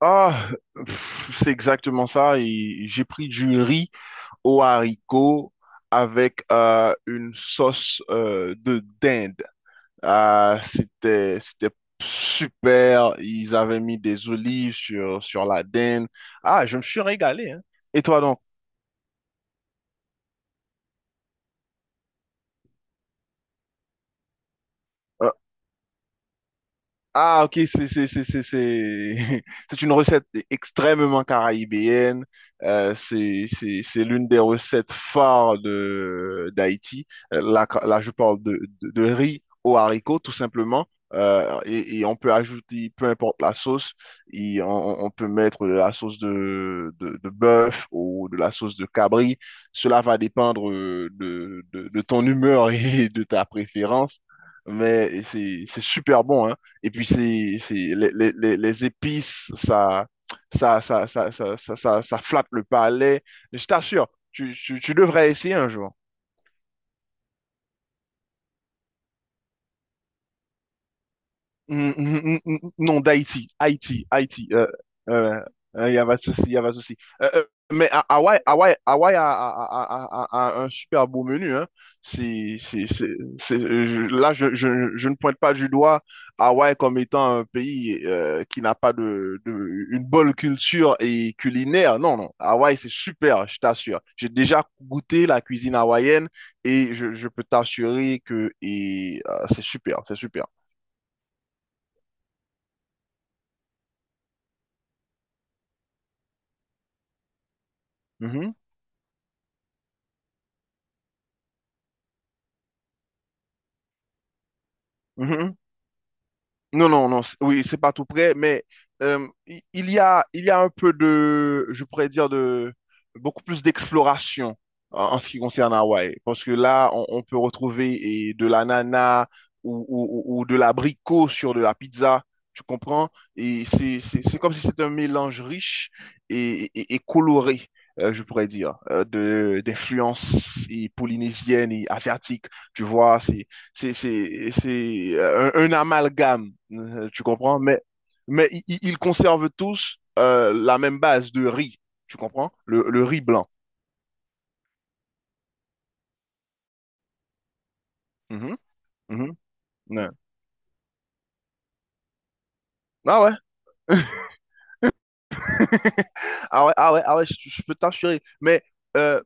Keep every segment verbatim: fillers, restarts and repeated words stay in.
Ah, pff, c'est exactement ça. Et j'ai pris du riz aux haricots avec euh, une sauce euh, de dinde. Ah, c'était, c'était super. Ils avaient mis des olives sur, sur la dinde. Ah, je me suis régalé, hein. Et toi donc? euh, Ah, ok, c'est c'est- c'est- c'est- c'est- c'est une recette extrêmement caribéenne. Euh, c'est c'est- c'est l'une des recettes phares de d'Haïti. Euh, Là, quand- là, je parle de, de, de riz aux haricots, tout simplement. Euh, et, et on peut ajouter peu importe la sauce. Et on, on- peut mettre de la sauce de, de, de bœuf ou de la sauce de cabri. Cela va dépendre euh, de, de, de ton humeur et de ta préférence. Mais c'est c'est super bon, hein. Et puis, c'est, c'est, les, les, les- les épices, ça, ça, ça, ça, ça, ça, ça, ça flatte le palais. Je t'assure, tu, tu, tu devrais essayer un jour. Mm, mm, mm, mm, mm, mm. Non, d'Haïti, Haïti, Haïti. Il euh, euh, euh, Y a pas de souci, y a pas de souci. Euh, euh, mais Ha- Hawaï, Hawaï, Hawaï a, a- a- a- a un super beau menu. Hein. C'est, c'est, c'est, c'est- je- là, je, je, je ne pointe pas du doigt Hawaï comme étant un pays euh, qui n'a pas de, de, une bonne culture et culinaire. Non, non. Hawaï, c'est super, je t'assure. J'ai déjà goûté la cuisine hawaïenne et je, je peux t'assurer que et, euh, c'est super, c'est super. Mm-hmm. Mhm. Non, non, non, c- oui, c'est pas tout près, mais euh, i- il y a, il y a un peu de, je pourrais dire, de beaucoup plus d'exploration en, en ce qui concerne Hawaï. Parce que là, on, on peut retrouver et de l'ananas ou, ou, ou- ou de l'abricot sur de la pizza, tu comprends? Et c'est c'est- c'est comme si c'était un mélange riche et, et- et coloré, euh, je pourrais dire, euh, de, d'influences et polynésiennes et asiatiques. Tu vois, c'est c'est- c'est euh, un, un amalgame, euh, tu comprends? Mais, mais i- i- ils conservent tous euh, la même base de riz, tu comprends? Le, le riz blanc. Mhm, mhm, ouais. Ah ouais? Ah ouais, ah ouais, ah ouais, je, je peux t'assurer. Mais euh,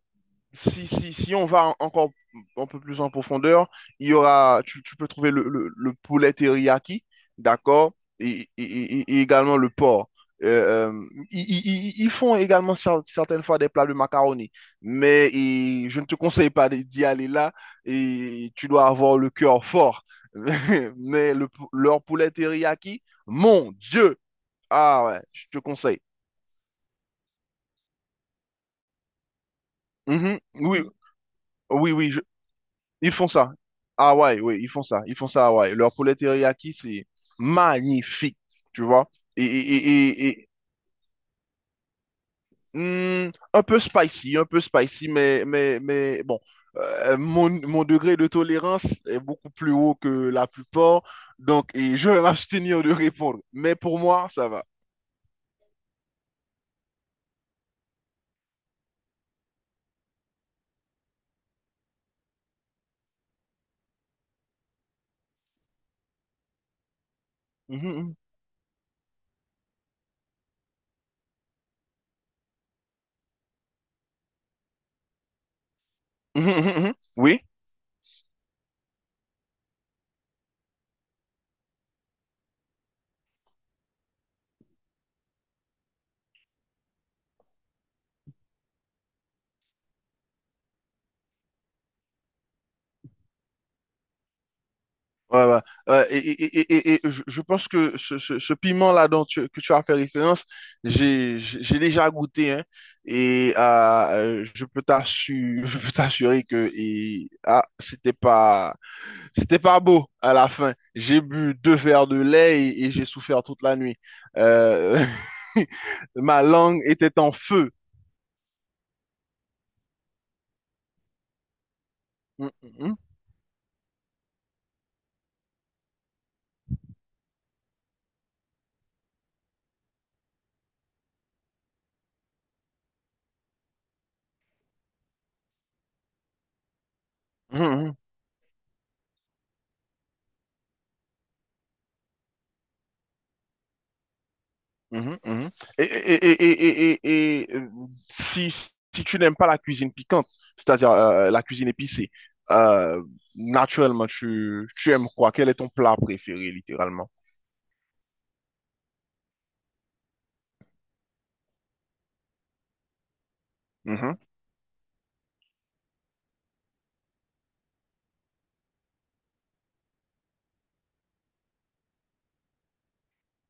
si, si, si on va en- encore un peu plus en profondeur, il y aura, tu, tu peux trouver le, le, le poulet teriyaki, d'accord, et, et- et- et également le porc. Euh, euh, ils, ils- ils- Ils font également cer- certaines fois des plats de macaroni, mais et je ne te conseille pas d'y d'y aller là, et tu dois avoir le cœur fort. Mais le, pou- leur poulet teriyaki, mon Dieu! Ah ouais, je te conseille. Mhm, oui, oui, oui. Ils font ça. Ah ouais, oui, ils font ça. Ils font ça à Hawaï. Leur poulet teriyaki, c'est magnifique, tu vois. Et, et- et- et- et, hmm, un peu spicy, un peu spicy, mais, mais, mais bon, euh, mon, mon degré de tolérance est beaucoup plus haut que la plupart. Donc, et je vais m'abstenir de répondre. Mais pour moi, ça va. Mhm, mhm. Mhm, mhm, mhm. Oui. Ouais, ouais. Ouais, et, et- et- et- et je je pense que ce, ce- ce piment-là dont tu, que tu as fait référence, j'ai j'ai- j'ai déjà goûté, hein, et euh, euh, je peux t'assurer, je peux t'assurer que et, ah, c'était pas, c'était pas beau à la fin. J'ai bu deux verres de lait et, et j'ai souffert toute la nuit. Euh, Ma langue était en feu. Mm, mm, mm. Mm, mm. Mhm, mhm. Et, et- et- et- et- et- et, euh, si, si tu n'aimes pas la cuisine piquante, c'est-à-dire euh, la cuisine épicée, euh, naturellement, tu, tu aimes quoi? Quel est ton plat préféré, littéralement? Mhm,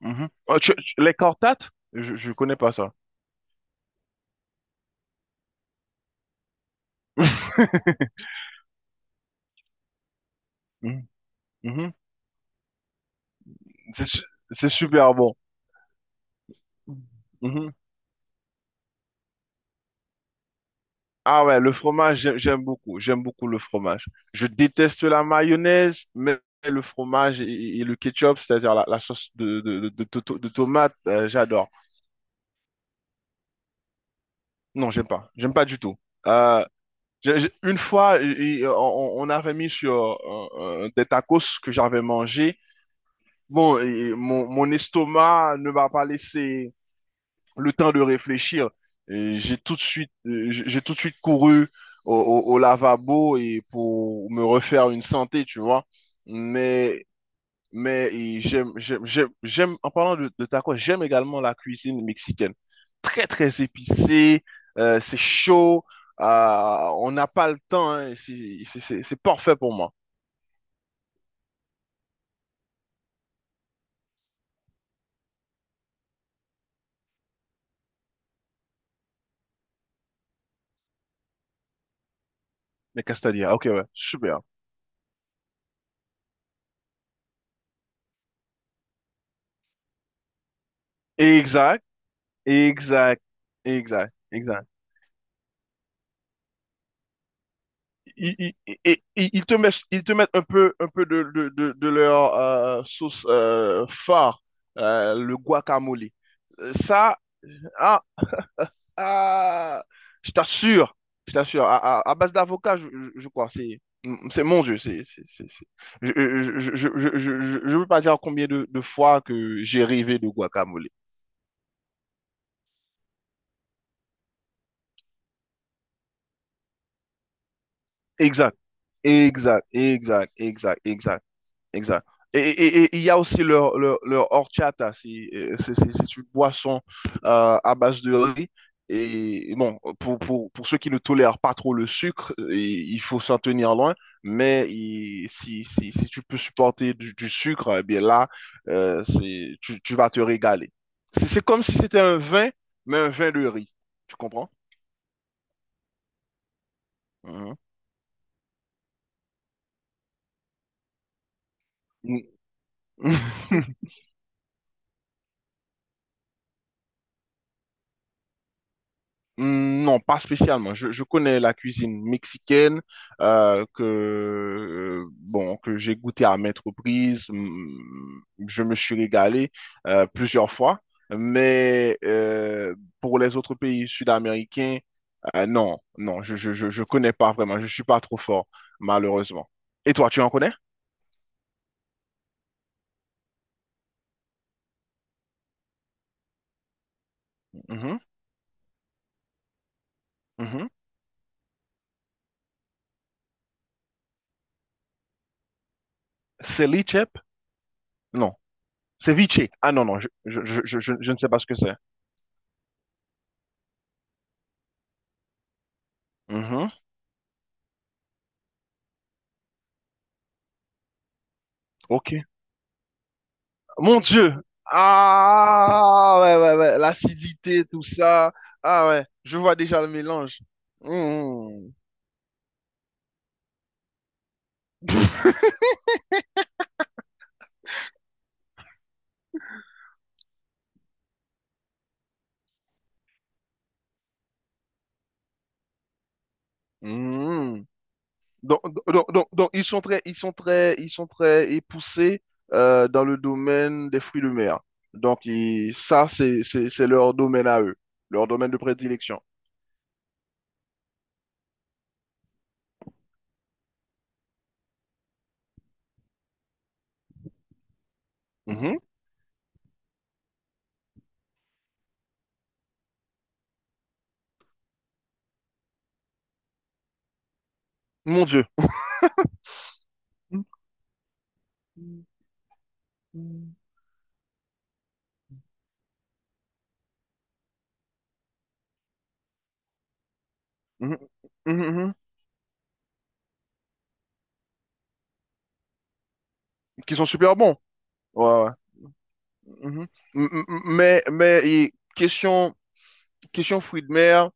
mhm. Oh, tu- tu- les cortates? Je je connais pas ça. Mhm, mhm. C'est su- c'est super bon. Mhm. Ah ouais, le fromage, j'ai- j'aime beaucoup. J'aime beaucoup le fromage. Je déteste la mayonnaise, mais le fromage et, et le ketchup, c'est-à-dire la, la sauce de, de, de, de to- de tomate, euh, j'adore. Non, j'aime pas. J'aime pas du tout. Euh, j'ai- j'ai- une fois, et- et euh, on, on avait mis sur euh, euh, des tacos que j'avais mangé. Bon, et mon, mon estomac ne m'a pas laissé le temps de réfléchir. Et J'ai tout de suite, euh, j'ai tout de suite couru au, au- au lavabo et pour me refaire une santé, tu vois. Mais mais j'aime, j'aime, j'aime, j'aime- en parlant de, de tacos, j'aime également la cuisine mexicaine. Très, très épicée, euh, c'est chaud, euh, on n'a pas le temps, hein, c'est c'est- c'est- c'est parfait pour moi. Mais Castalia, ok, ouais, super. Exact, exact, exact, exact. ils, ils- ils- te mettent, Ils te mettent un peu, un peu de, de- de- de leur euh, sauce euh, phare, euh, le guacamole. Euh, Ça, ah, ah, je t'assure, je t'assure, à, à- à base d'avocat, je, je- je crois, c'est, c'est mon Dieu, c'est, c'est- c'est- c'est- je, je, je, je, je, je- je- je veux pas dire combien de, de fois que j'ai rêvé de guacamole. Exact, exact, exact, exact, exact. Exact. Et et- et- et il y a aussi leur, leur, leur horchata, c'est euh, c'est- c'est- c'est une boisson euh, à base de riz. Et bon, pour, pour, pour ceux qui ne tolèrent pas trop le sucre, euh, il il faut s'en tenir loin. Mais il- si, si, si tu peux supporter du, du sucre, eh bien là, euh, c'est, tu, tu vas te régaler. C'est c'est comme si c'était un vin, mais un vin de riz. Tu comprends? Mhm. Hmm. Non, pas spécialement. Je, je connais la cuisine mexicaine euh, que euh, bon que j'ai goûté à maintes reprises. Hmm, Je me suis régalé euh, plusieurs fois, mais euh, pour les autres pays sud-américains, euh, non, non, je, je, je, je connais pas vraiment. Je suis pas trop fort, malheureusement. Et toi, tu en connais? Mhm, mhm. Ceviche? Non. Ceviche. Ah non, non, je, je, je, je, je ne sais pas ce que c'est. Mhm. Ok. Mon Dieu. Ah, ouais, ouais, ouais. L'acidité, tout ça. Ah, ouais. Je vois déjà le mélange. Mmh. Mmh. Donc, donc, donc, donc, ils sont très, ils sont très, ils sont très époussés euh, dans le domaine des fruits de mer. Donc, ils- ça, c'est, c'est, c'est leur domaine à eux, leur domaine de prédilection. Mhm. Mon Dieu. Mhm. Mhm, mhm, mhm. Mhm. Qui sont super bons. Ouais, ouais. Mhm. Mhm. M- m- Mais, mais et question, question fruits de mer.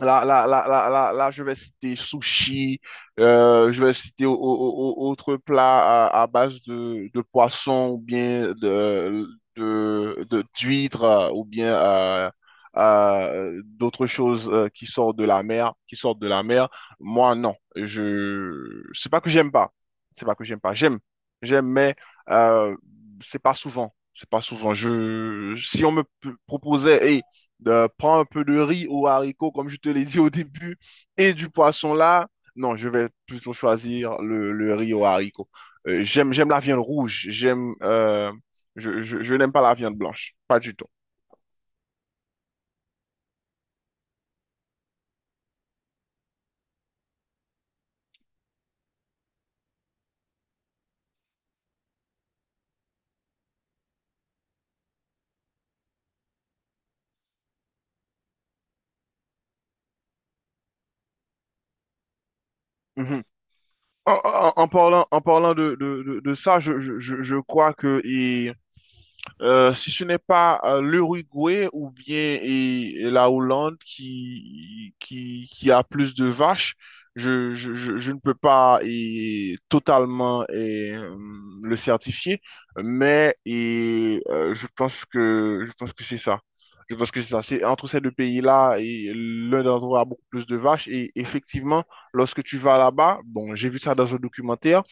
Là, là, là, là, là, là, je vais citer sushi, euh, je vais citer au- au- au- au- autres plats à, à base de, de poisson ou bien de, de, de- d'huîtres euh, ou bien euh, euh, d'autres choses euh, qui sortent de la mer, qui sortent de la mer. Moi, non, je, c'est pas que j'aime pas, c'est pas que j'aime pas, j'aime, j'aime, mais euh, c'est pas souvent, c'est pas souvent. Je, si on me p- proposait, hey, de- prends un peu de riz ou haricots, comme je te l'ai dit au début, et du poisson là. Non, je vais plutôt choisir le, le riz aux haricots. Euh, j'aime, j'aime la viande rouge. J'aime euh, je, je- je n'aime pas la viande blanche, pas du tout. Mhm. En, en- en parlant, en parlant de, de- de- de ça, je, je- je- je crois que et Euh, si ce n'est pas euh, l'Uruguay ou bien et- et la Hollande qui, qui, qui a plus de vaches, je, je, je, je ne peux pas et, totalement et, euh, le certifier, mais et, euh, je pense que, je pense que c'est ça. Je pense que c'est ça. C'est entre ces deux pays-là, et l'un d'entre eux a beaucoup plus de vaches. Et effectivement, lorsque tu vas là-bas, bon, j'ai vu ça dans un documentaire,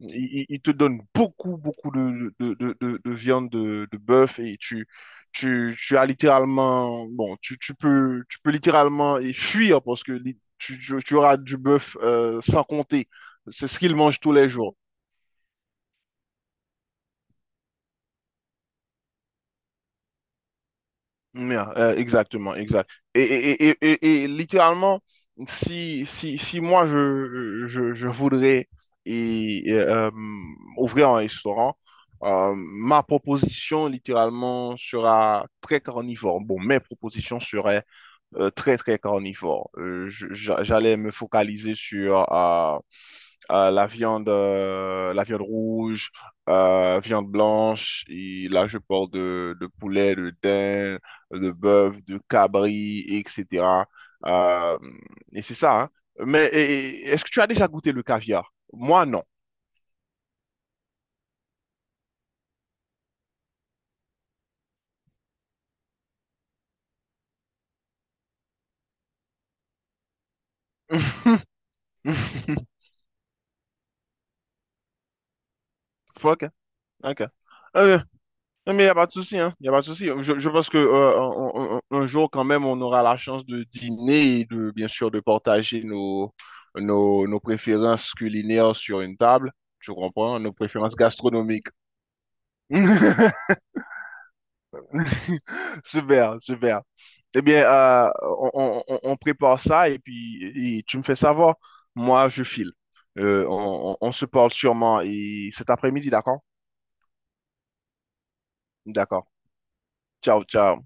il, il te donne beaucoup, beaucoup de, de, de, de, de viande de, de bœuf et tu, tu, tu as littéralement, bon, tu, tu peux, tu peux littéralement et fuir parce que li- tu, tu, tu auras du bœuf euh, sans compter. C'est ce qu'ils mangent tous les jours. Yeah, euh, exactement, exact. Et, et, et, et, et et littéralement, si, si, si moi je, je, je voudrais et, et, euh, ouvrir un restaurant, euh, ma proposition littéralement sera très carnivore. Bon, mes propositions seraient euh, très, très carnivore. Euh, je- j'a- j'allais me focaliser sur euh, euh, la viande, euh, la viande rouge, euh, viande blanche. Et là, je parle de, de poulet, de daim, de bœuf, de cabri, et cetera. Euh, et c'est ça, hein. Mais et- et- est-ce que tu as déjà goûté le caviar? Moi, non. Ok, hein? Ok. Euh, Non, mais il n'y a pas de souci, hein. Il a pas de souci. Je, je pense que euh, un, un- un jour, quand même, on aura la chance de dîner et de, bien sûr, de partager nos, nos, nos préférences culinaires sur une table. Tu comprends? Nos préférences gastronomiques. Super, super. Eh bien, euh, on, on- on- on prépare ça et puis et tu me fais savoir. Moi, je file. Euh, on, on on se parle sûrement et cet après-midi, d'accord? D'accord. Ciao, ciao.